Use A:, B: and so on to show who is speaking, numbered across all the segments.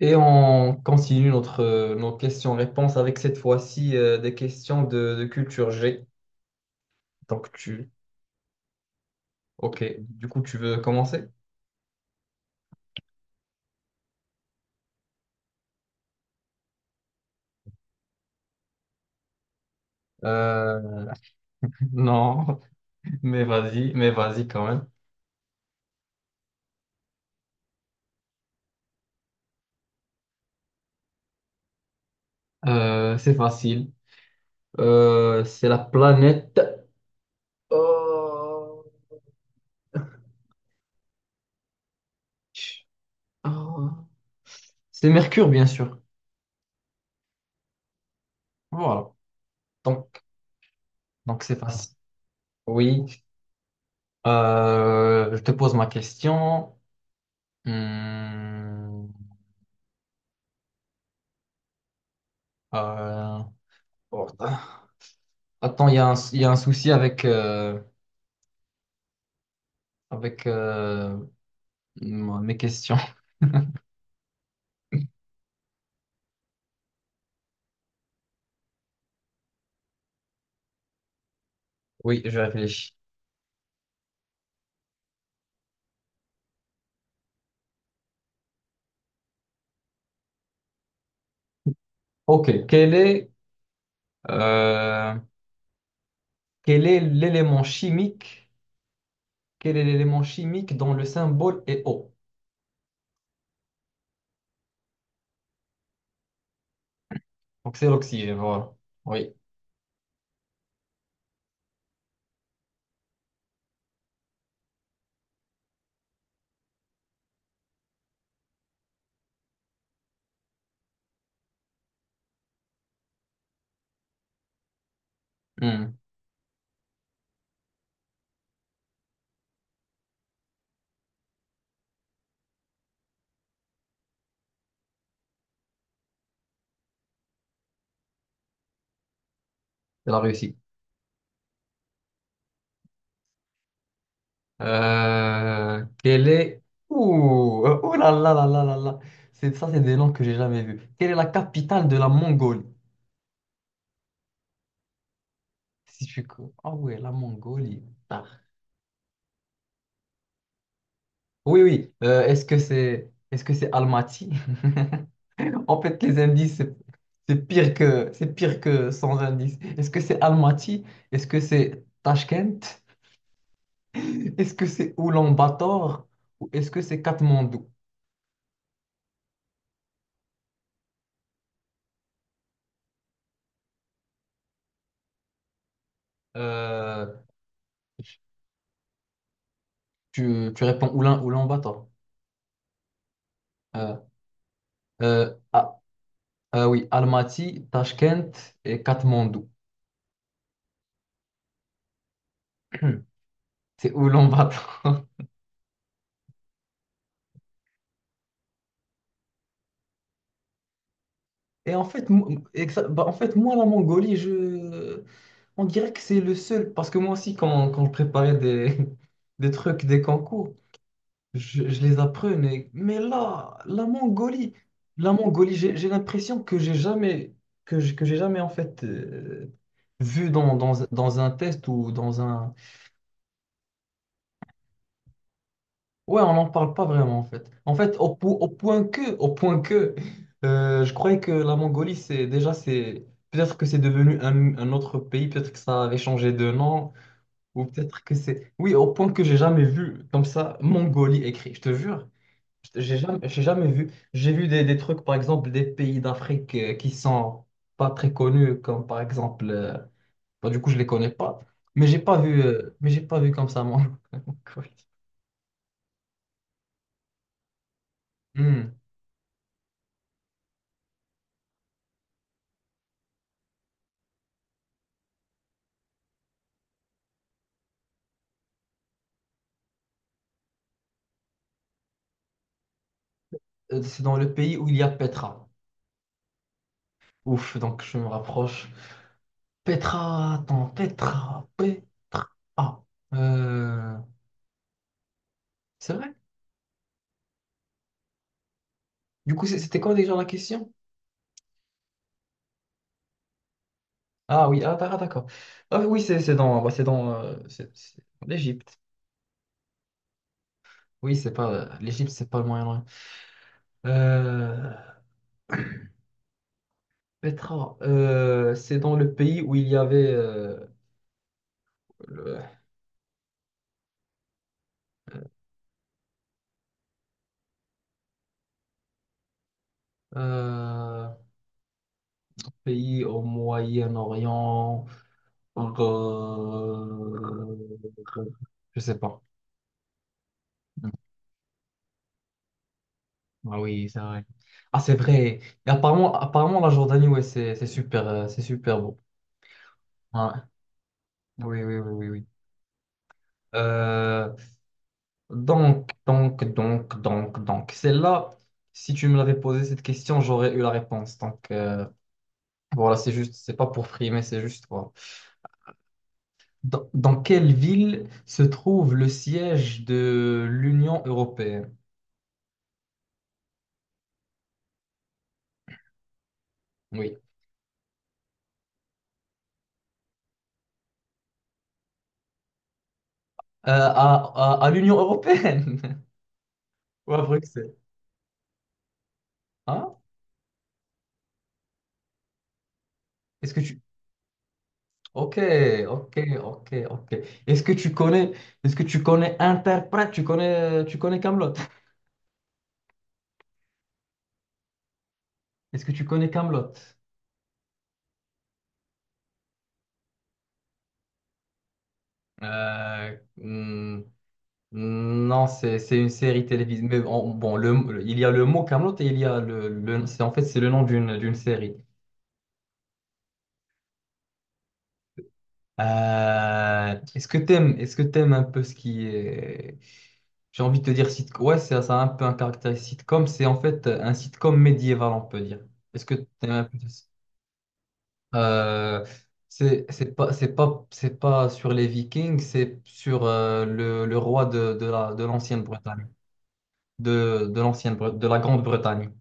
A: Et on continue nos questions-réponses avec cette fois-ci des questions de culture G. Donc tu, ok, du coup tu veux commencer? Euh, non, mais vas-y quand même. C'est facile. C'est la planète. Oh, oh. C'est Mercure, bien sûr. Voilà. Donc, donc c'est facile. Oui. Je te pose ma question. Hmm. Euh, oh. Attends, il y a un souci avec mes questions. Oui, je réfléchis. Ok, euh, quel est l'élément chimique, quel est l'élément chimique dont le symbole est O? Donc c'est l'oxygène, voilà. Oui, Hmm, elle a réussi. Euh, quel est... Ouh, ouh là là là là là là. Ça, c'est des noms que j'ai jamais vus. Quelle est la capitale de la Mongolie? Si tu... co- Ah ouais, la Mongolie. Ah. Oui, oui. Est-ce que c'est Almaty? En fait, les indices, c'est pire que sans indice. Est-ce que c'est Almaty? Est-ce que c'est Tashkent? Est-ce que c'est Oulan-Bator? Ou est-ce que c'est Katmandou? Euh, tu réponds Oulan-Bator. Euh, euh, ah, oui, Almaty, Tashkent et Katmandou. C'est Oulan-Bator. Et en fait, bah, en fait, moi, la Mongolie, je... on dirait que c'est le seul. Parce que moi aussi, quand je préparais des, des trucs, des concours, je les apprenais. Mais là, la Mongolie, j'ai l'impression que j'ai jamais, que j'ai jamais en fait vu dans, un test ou dans un. Ouais, on n'en parle pas vraiment en fait. En fait, au point que, je croyais que la Mongolie, c'est déjà, c'est peut-être que c'est devenu un autre pays, peut-être que ça avait changé de nom, ou peut-être que c'est, oui, au point que j'ai jamais vu comme ça Mongolie écrit. Je te jure, j'ai jamais vu. J'ai vu des trucs, par exemple, des pays d'Afrique qui sont pas très connus, comme par exemple, bah, du coup, je les connais pas, mais j'ai pas vu, mais j'ai pas vu comme ça Mongolie. Hmm. C'est dans le pays où il y a Petra. Ouf, donc je me rapproche. Petra, attends, Petra, Petra. Ah, euh, c'est vrai? Du coup, c'était quoi déjà la question? Ah oui, ah, ah, d'accord. Ah oui, c'est dans, bah, c'est dans, c'est dans l'Égypte. Oui, c'est pas l'Égypte, c'est pas le Moyen-Orient. Euh, Petra, c'est dans le pays où il y avait le euh, pays au Moyen-Orient. Je sais pas. Ah oui, c'est vrai. Ah, c'est vrai. Et apparemment, apparemment, la Jordanie, ouais, c'est super beau. Ouais. Oui, oui, oui, oui, oui. Euh, donc, celle-là, si tu me l'avais posé cette question, j'aurais eu la réponse. Donc, voilà, c'est juste, c'est pas pour frimer, c'est juste, voilà. Dans quelle ville se trouve le siège de l'Union européenne? Oui. À l'Union européenne. Ouais, vrai que hein? Est-ce que tu. Ok, ok, ok, ok. Est-ce que tu connais. Est-ce que tu connais Interprète? Tu connais Kaamelott? Est-ce que tu connais Kaamelott? Euh, hmm, non, c'est une série télévisée. Mais bon, il y a le mot Kaamelott et il y a c'est en fait c'est le nom d'une série. Est-ce que t'aimes un peu ce qui est... J'ai envie de te dire sitcom. Ouais, c'est ça a un peu un caractère sitcom. C'est en fait un sitcom médiéval, on peut dire. Est-ce que t'aimes un peu ça? Euh, c'est pas sur les Vikings, c'est sur le roi de l'ancienne Bretagne, de la Grande-Bretagne.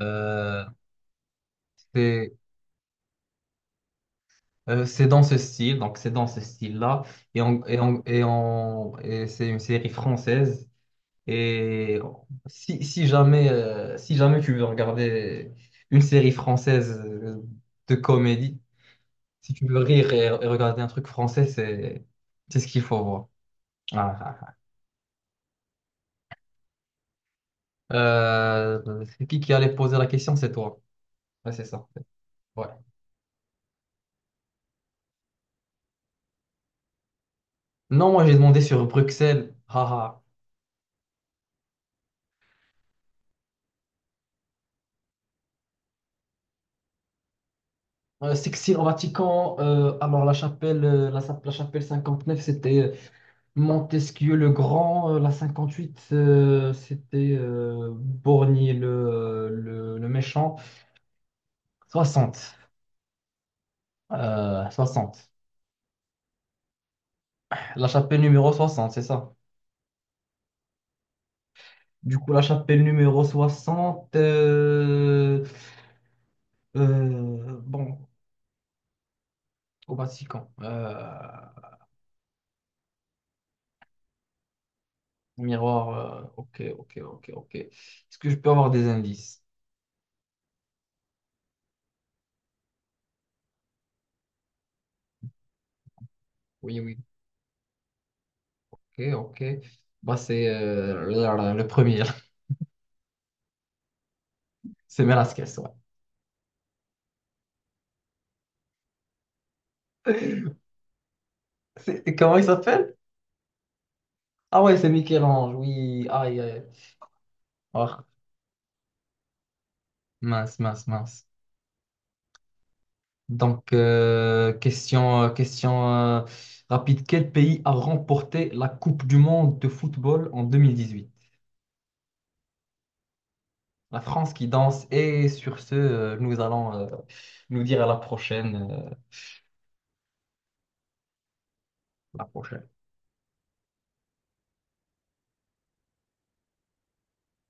A: Euh, c'est c'est dans ce style, donc c'est dans ce style-là et c'est une série française. Et si jamais tu veux regarder une série française de comédie, si tu veux rire et regarder un truc français, c'est ce qu'il faut voir. Ah, ah, ah. C'est qui allait poser la question? C'est toi. Ouais, c'est ça. Ouais. Non, moi j'ai demandé sur Bruxelles. Haha. Sixtine au Vatican. Alors la chapelle, la chapelle 59, c'était Montesquieu le Grand, la 58, c'était Borgny le méchant. Soixante, 60. La chapelle numéro 60, c'est ça. Du coup, la chapelle numéro 60, bon, au Vatican. Miroir, ok, ok, ok, ok. Est-ce que je peux avoir des indices? Oui, oui, ok, ok. Bah, c'est le premier, c'est Velasquez, ouais. Comment il s'appelle? Ah ouais, c'est Michel-Ange, oui. Aïe, aïe. Oh, mince, mince, mince. Donc, question rapide. Quel pays a remporté la Coupe du monde de football en 2018? La France qui danse. Et sur ce, nous allons nous dire à la prochaine. À la prochaine.